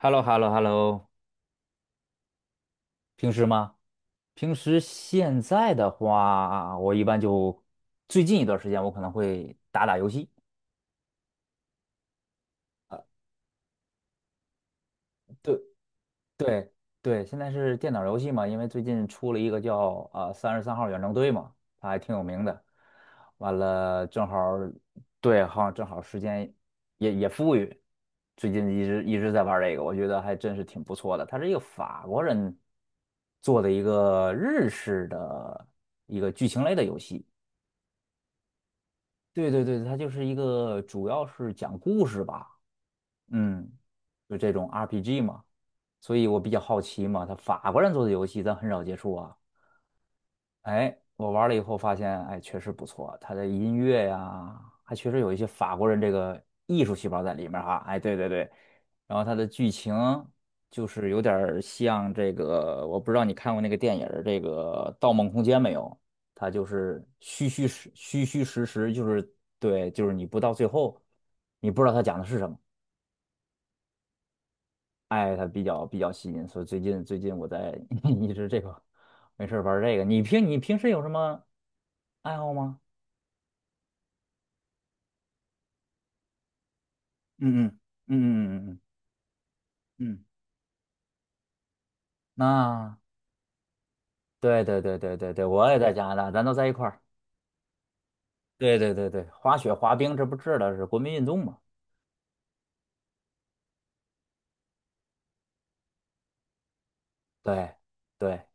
h e l l o h e l l o h e l l o 平时吗？平时现在的话，我一般就最近一段时间我可能会打打游戏。对，对对，现在是电脑游戏嘛，因为最近出了一个叫《33号远征队》嘛，它还挺有名的。完了，正好儿对，好像正好时间也富裕，最近一直在玩儿这个，我觉得还真是挺不错的。它是一个法国人做的一个日式的一个剧情类的游戏。对对对，它就是一个主要是讲故事吧。嗯，就这种 RPG 嘛，所以我比较好奇嘛，他法国人做的游戏咱很少接触啊。哎，我玩了以后发现，哎，确实不错，他的音乐呀，还确实有一些法国人这个艺术细胞在里面哈。哎，对对对，然后它的剧情就是有点儿像这个，我不知道你看过那个电影儿这个《盗梦空间》没有？它就是虚虚实实，就是对，就是你不到最后，你不知道他讲的是什么。哎，它比较吸引，所以最近我在 一直这个没事儿玩儿这个。你平时有什么爱好吗？嗯嗯嗯嗯嗯嗯，那对对对对对对，我也在加拿大，咱都在一块儿。对对对对，滑雪滑冰这不治的是国民运动嘛？对对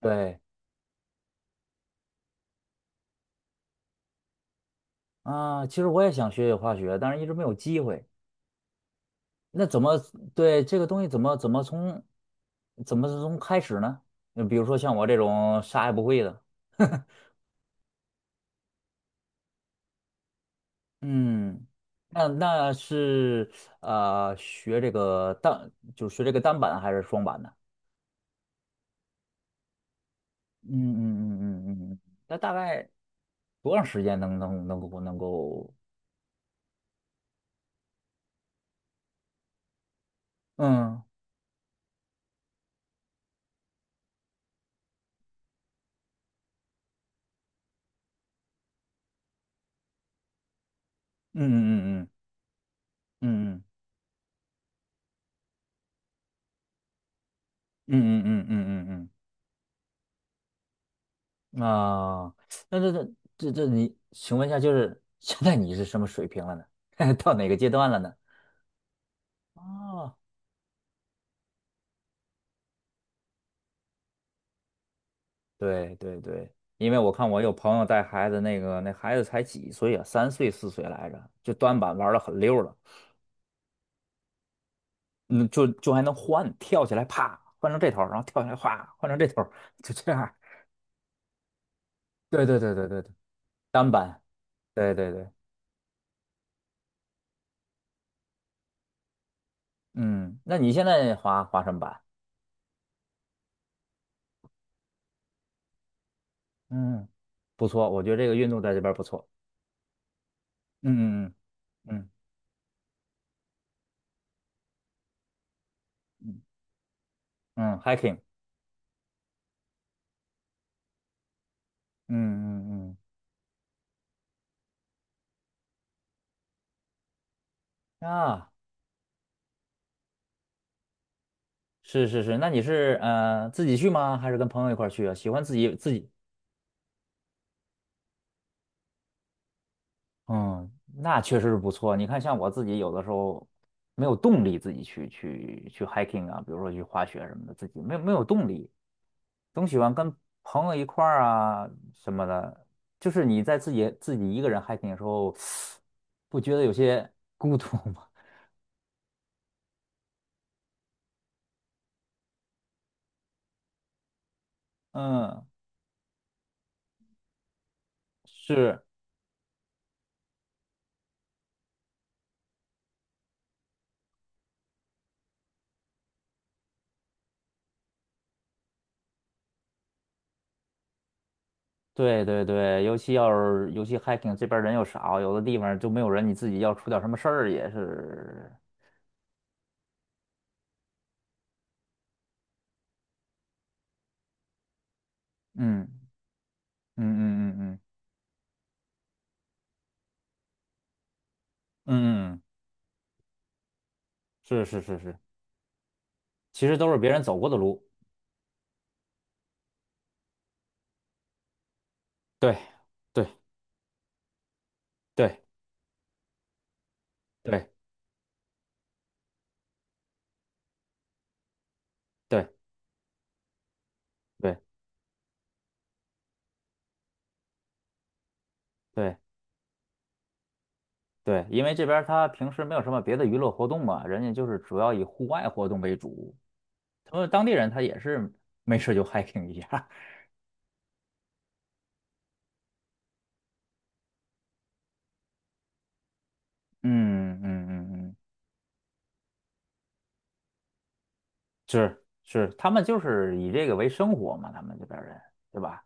对啊，其实我也想学学滑雪，但是一直没有机会。那怎么，对，这个东西怎么从开始呢？就比如说像我这种啥也不会的，嗯，那是学这个单，就是学这个单板还是双板呢？嗯嗯嗯嗯嗯，那大概多长时间能够？嗯嗯嗯嗯嗯嗯嗯嗯嗯嗯嗯嗯啊，那这这这这你，请问一下，就是现在你是什么水平了呢？到哪个阶段了呢？哦对对对，因为我看我有朋友带孩子，那个那孩子才几岁啊，3岁4岁来着，就端板玩的很溜了。嗯，就还能换，跳起来啪换成这头儿，然后跳起来哗换成这头儿，就这样儿。对对对对对对，单板，对对对。嗯，那你现在滑滑什么板？嗯，不错，我觉得这个运动在这边儿不错。嗯嗯嗯嗯嗯嗯，hiking，嗯嗯嗯啊，是是是，那你是自己去吗？还是跟朋友一块儿去啊？喜欢自己？嗯，那确实是不错。你看，像我自己有的时候没有动力自己去 hiking 啊，比如说去滑雪什么的，自己没有动力，总喜欢跟朋友一块儿啊什么的。就是你在自己一个人 hiking 的时候，不觉得有些孤独吗？嗯，是，对对对，尤其 hiking 这边儿人又少，有的地方就没有人，你自己要出点什么事儿也是。嗯嗯嗯嗯嗯嗯，嗯嗯，是是是是。其实都是别人走过的路。对，对，对，对，对，对，对，对，因为这边儿他平时没有什么别的娱乐活动嘛，人家就是主要以户外活动为主。他们当地人他也是没事就 hiking 一下。 嗯嗯嗯嗯，是是，他们就是以这个为生活嘛，他们这边儿人，对吧？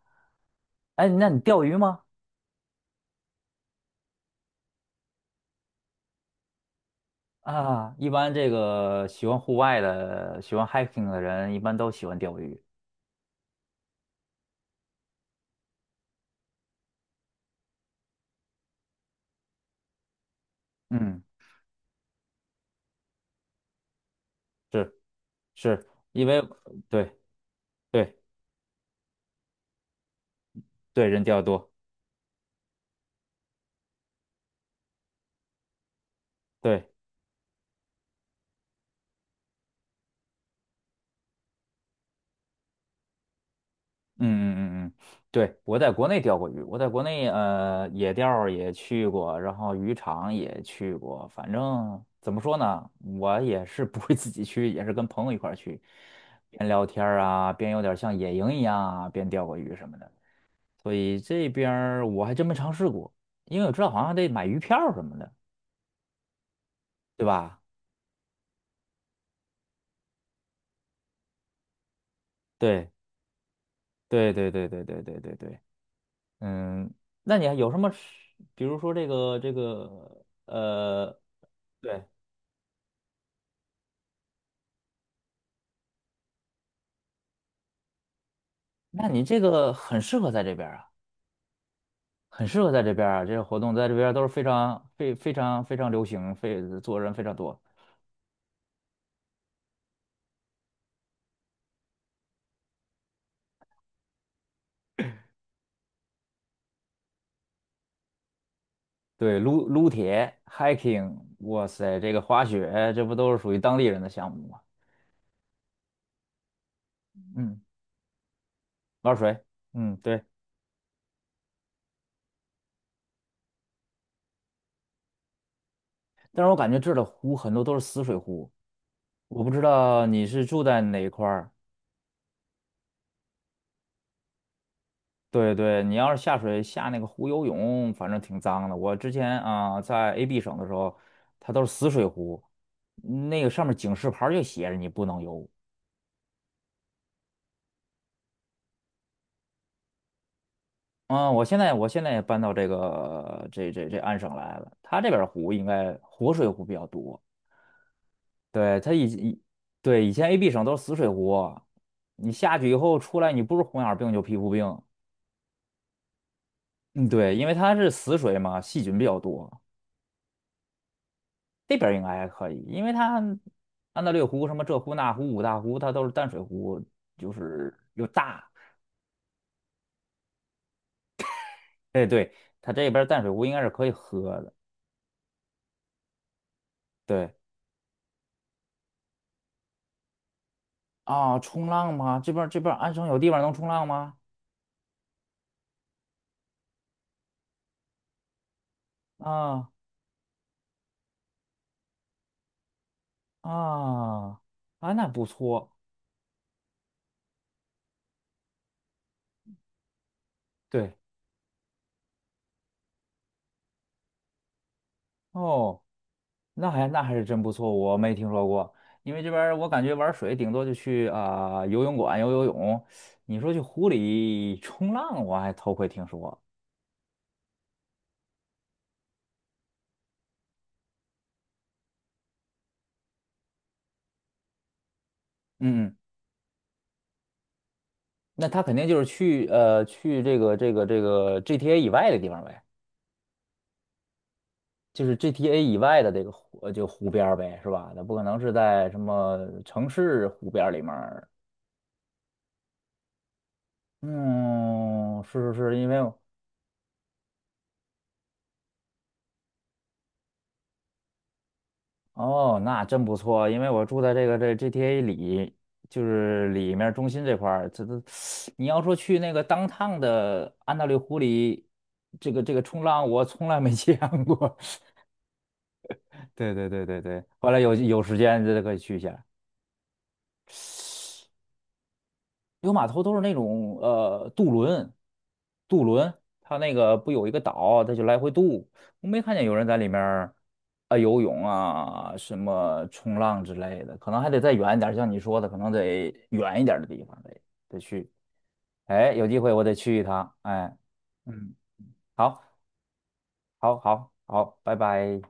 哎，那你钓鱼吗？啊，一般这个喜欢户外的、喜欢 hiking 的人，一般都喜欢钓鱼。嗯，是是，因为对。对对，人钓得多，对，嗯嗯嗯嗯。对，我在国内钓过鱼，我在国内野钓儿也去过，然后渔场也去过，反正怎么说呢，我也是不会自己去，也是跟朋友一块儿去，边聊天儿啊，边有点像野营一样啊，边钓过鱼什么的，所以这边儿我还真没尝试过，因为我知道好像还得买鱼票什么的，对吧？对对对对对对对对对。嗯，那你还有什么吃比如说，对，那你这个很适合在这边儿啊，很适合在这边儿啊，这些活动在这边儿都是非常非常流行，非做人非常多。对，撸撸铁、hiking，哇塞，这个滑雪，这不都是属于当地人的项目吗？嗯，玩水，嗯，对。但是我感觉这儿的湖很多都是死水湖，我不知道你是住在哪一块儿。对对，你要是下水下那个湖游泳，反正挺脏的。我之前啊、在 AB 省的时候，它都是死水湖，那个上面警示牌儿就写着你不能游。嗯，我现在也搬到这个这这这安省来了，它这边儿湖应该活水湖比较多。对，它以以对，以前 AB 省都是死水湖，你下去以后出来，你不是红眼儿病就皮肤病。嗯，对，因为它是死水嘛，细菌比较多。这边儿应该还可以，因为它安大略湖、什么这湖那湖、五大湖，它都是淡水湖，就是又大。哎，对，它这边儿淡水湖应该是可以喝的。对啊，冲浪吗？这边儿安省有地方能冲浪吗？啊啊啊，那不错。对哦，那还是真不错，我没听说过。因为这边儿我感觉玩水顶多就去啊、游泳馆游游泳，你说去湖里冲浪，我还头回听说。嗯。那他肯定就是去这个 GTA 以外的地方呗，就是 GTA 以外的这个湖就湖边儿呗，是吧？那不可能是在什么城市湖边儿里面儿。嗯，是是是，因为哦，那真不错，因为我住在这个 GTA 里，就是里面中心这块儿，这都 你要说去那个 downtown 的安大略湖里，这个冲浪我从来没 见过。对对对对对，后来有时间这可以去一下。有码头都是那种渡轮，渡轮，它那个不有一个岛，它就来回渡。我没看见有人在里面儿啊、游泳啊，什么冲浪之类的，可能还得再远一点儿像你说的，可能得远一点儿的地方得去。哎，有机会我得去一趟。哎，嗯，好，好，好，好，拜拜。